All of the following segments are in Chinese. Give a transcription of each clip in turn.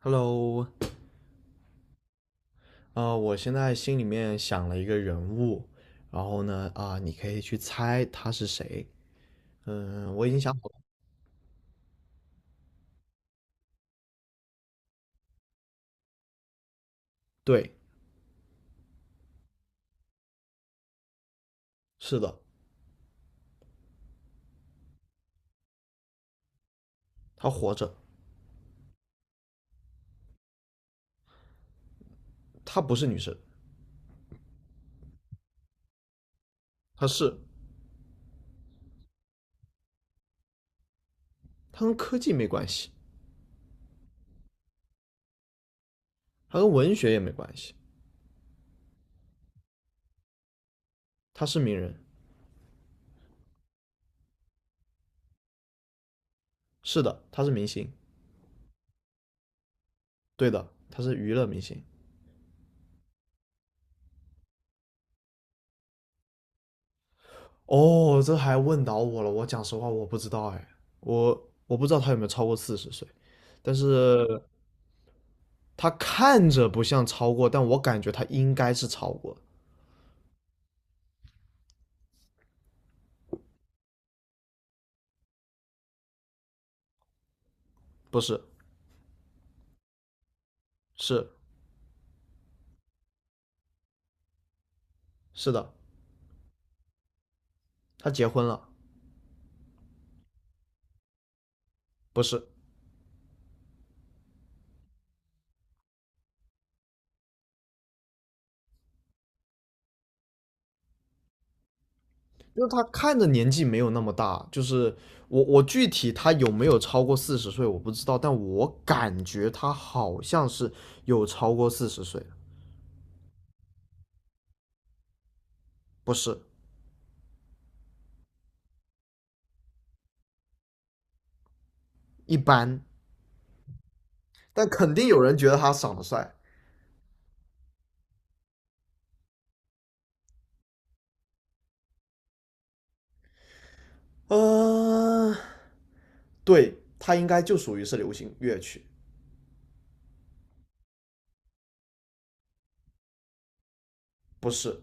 Hello。我现在心里面想了一个人物。然后呢，你可以去猜他是谁。嗯，我已经想好了。对。是的。他活着。他不是女生。他是。他跟科技没关系。他跟文学也没关系。他是名人。是的，他是明星。对的，他是娱乐明星。哦，这还问倒我了，我讲实话我不知道哎。我不知道他有没有超过四十岁，但是他看着不像超过，但我感觉他应该是超过。不是。是是的，他结婚了。不是。因为他看着年纪没有那么大，就是我具体他有没有超过四十岁我不知道，但我感觉他好像是有超过四十岁。不是。一般。但肯定有人觉得他长得帅。呃，对他应该就属于是流行乐曲。不是。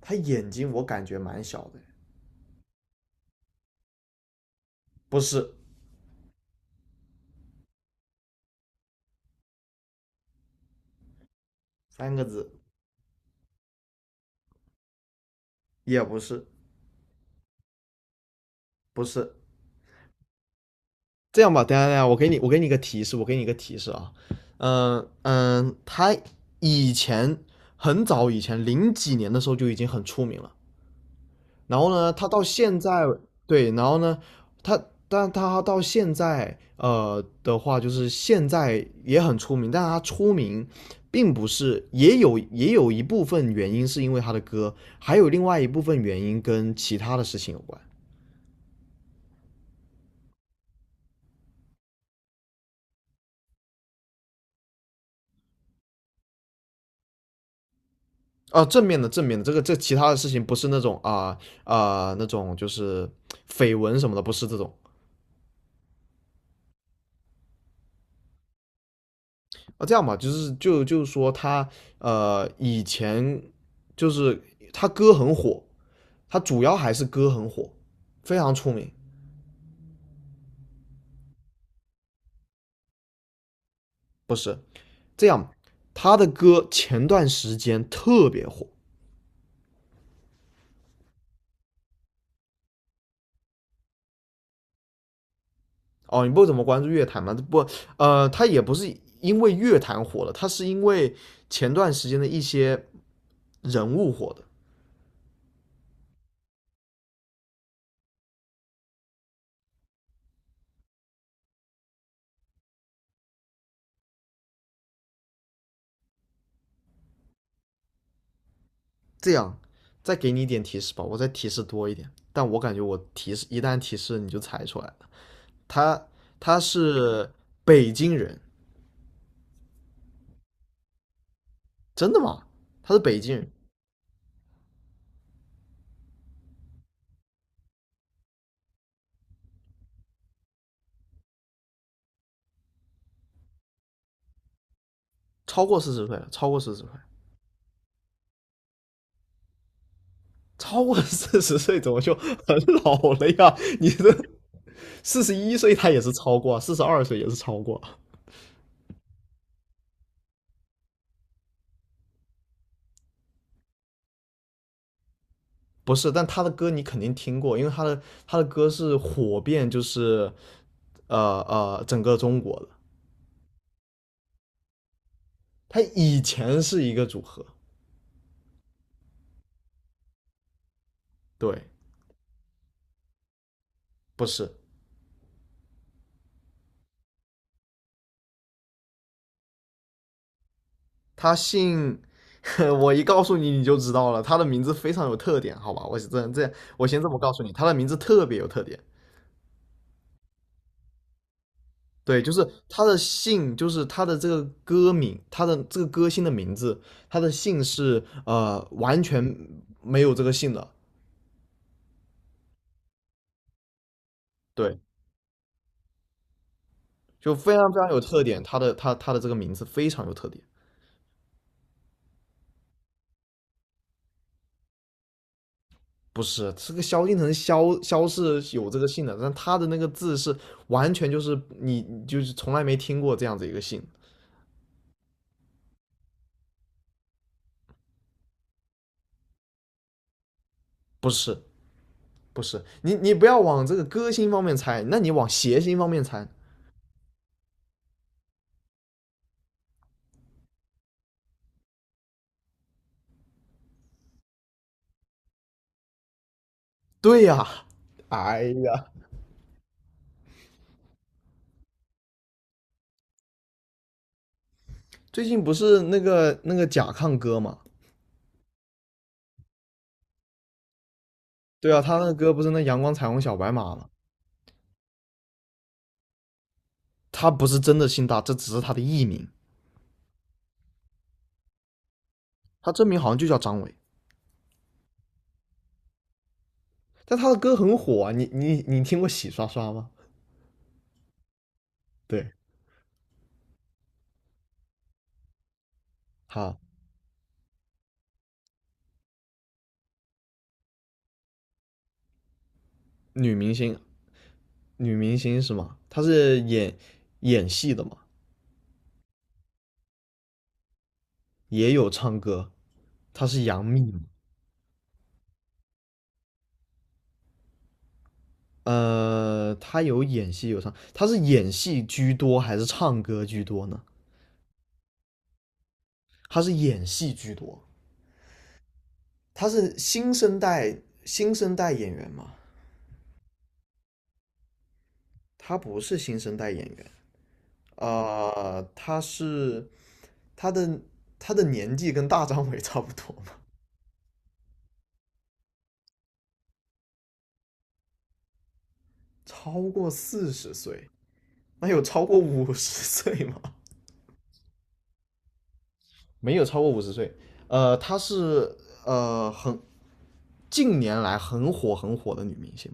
他眼睛我感觉蛮小的。不是。三个字。也不是。不是。这样吧，等一下等一下，我给你一个提示，我给你一个提示啊。嗯嗯，他以前很早以前零几年的时候就已经很出名了。然后呢，他到现在。对。然后呢，他但他到现在的话，就是现在也很出名，但他出名并不是也有一部分原因是因为他的歌，还有另外一部分原因跟其他的事情有关。啊，正面的，这个其他的事情不是那种那种就是绯闻什么的。不是这种啊。这样吧，就是说他以前就是他歌很火，他主要还是歌很火，非常出名。不是。这样，他的歌前段时间特别火。哦。你不怎么关注乐坛吗？不。他也不是因为乐坛火了，他是因为前段时间的一些人物火的。这样，再给你一点提示吧，我再提示多一点。但我感觉我提示一旦提示你就猜出来了。他他是北京人。真的吗？他是北京人。超过四十岁了，超过四十岁。超过四十岁怎么就很老了呀？你这41岁他也是超过啊，42岁也是超过啊。不是，但他的歌你肯定听过，因为他的歌是火遍就是整个中国的。他以前是一个组合。对。不是。他姓，我一告诉你你就知道了，他的名字非常有特点，好吧？我是这样这样，我先这么告诉你，他的名字特别有特点。对，就是他的姓，就是他的这个歌名，他的这个歌星的名字，他的姓是完全没有这个姓的。对，就非常非常有特点。他的这个名字非常有特点。不是这个萧敬腾，萧是有这个姓的，但他的那个字是完全就是你就是从来没听过这样子一个姓。是不是。你不要往这个歌星方面猜，那你往谐星方面猜。对呀。哎呀。最近不是那个甲亢哥嘛？对啊，他那个歌不是那阳光彩虹小白马嘛？他不是真的姓大，这只是他的艺名，他真名好像就叫张伟。但他的歌很火啊，你听过洗刷刷吗？对。好。女明星。女明星是吗？她是演戏的嘛，也有唱歌，她是杨幂嘛？他有演戏有唱，他是演戏居多还是唱歌居多呢？他是演戏居多。他是新生代演员嘛？他不是新生代演员。呃，他是他的他的年纪跟大张伟 差不多嘛。超过40岁。那有超过五十岁吗？没有超过五十岁。他是很近年来很火很火的女明星。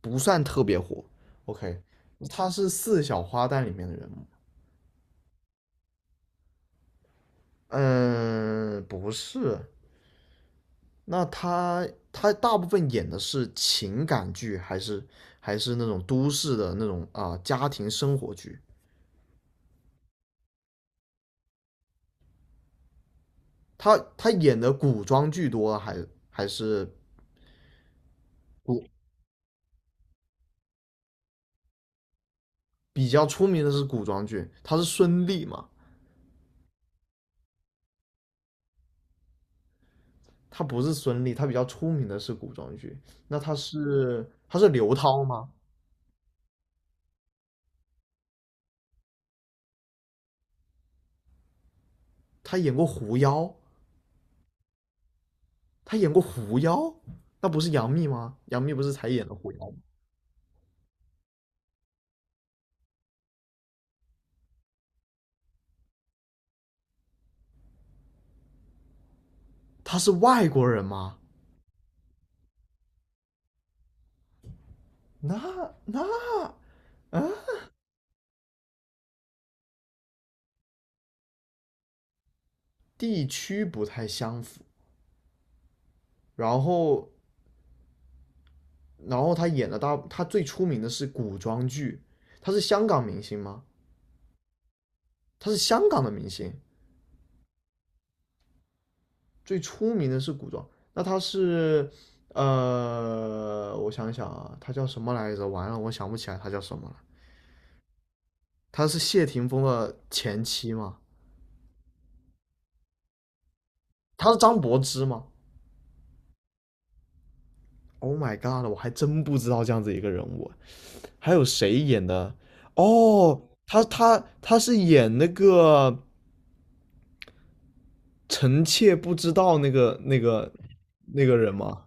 不算特别火。OK，他是四小花旦里面的人物。嗯，不是。那他大部分演的是情感剧，还是那种都市的那种啊、家庭生活剧？他演的古装剧多，还是古比较出名的是古装剧。他是孙俪嘛？他不是孙俪，他比较出名的是古装剧。那他是刘涛吗？他演过《狐妖》。他演过狐妖。那不是杨幂吗？杨幂不是才演了狐妖吗？他是外国人吗？那那啊，地区不太相符。然后，然后他最出名的是古装剧。他是香港明星吗？他是香港的明星。最出名的是古装。那他是，我想想啊，他叫什么来着？完了，我想不起来他叫什么了。他是谢霆锋的前妻吗？他是张柏芝吗？Oh my god！我还真不知道这样子一个人物。还有谁演的？哦，他是演那个臣妾不知道那个人吗？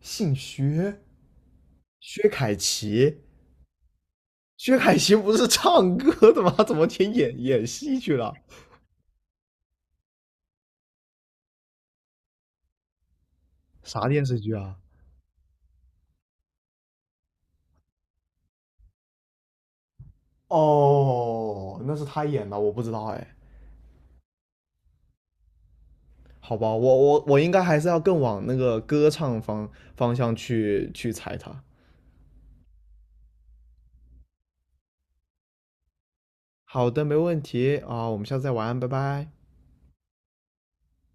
姓薛。薛凯琪。薛凯琪不是唱歌的吗？怎么去演戏去了？啥电视剧啊？哦，那是他演的，我不知道哎。好吧，我应该还是要更往那个歌唱方向去猜他。好的，没问题啊，我们下次再玩，拜拜。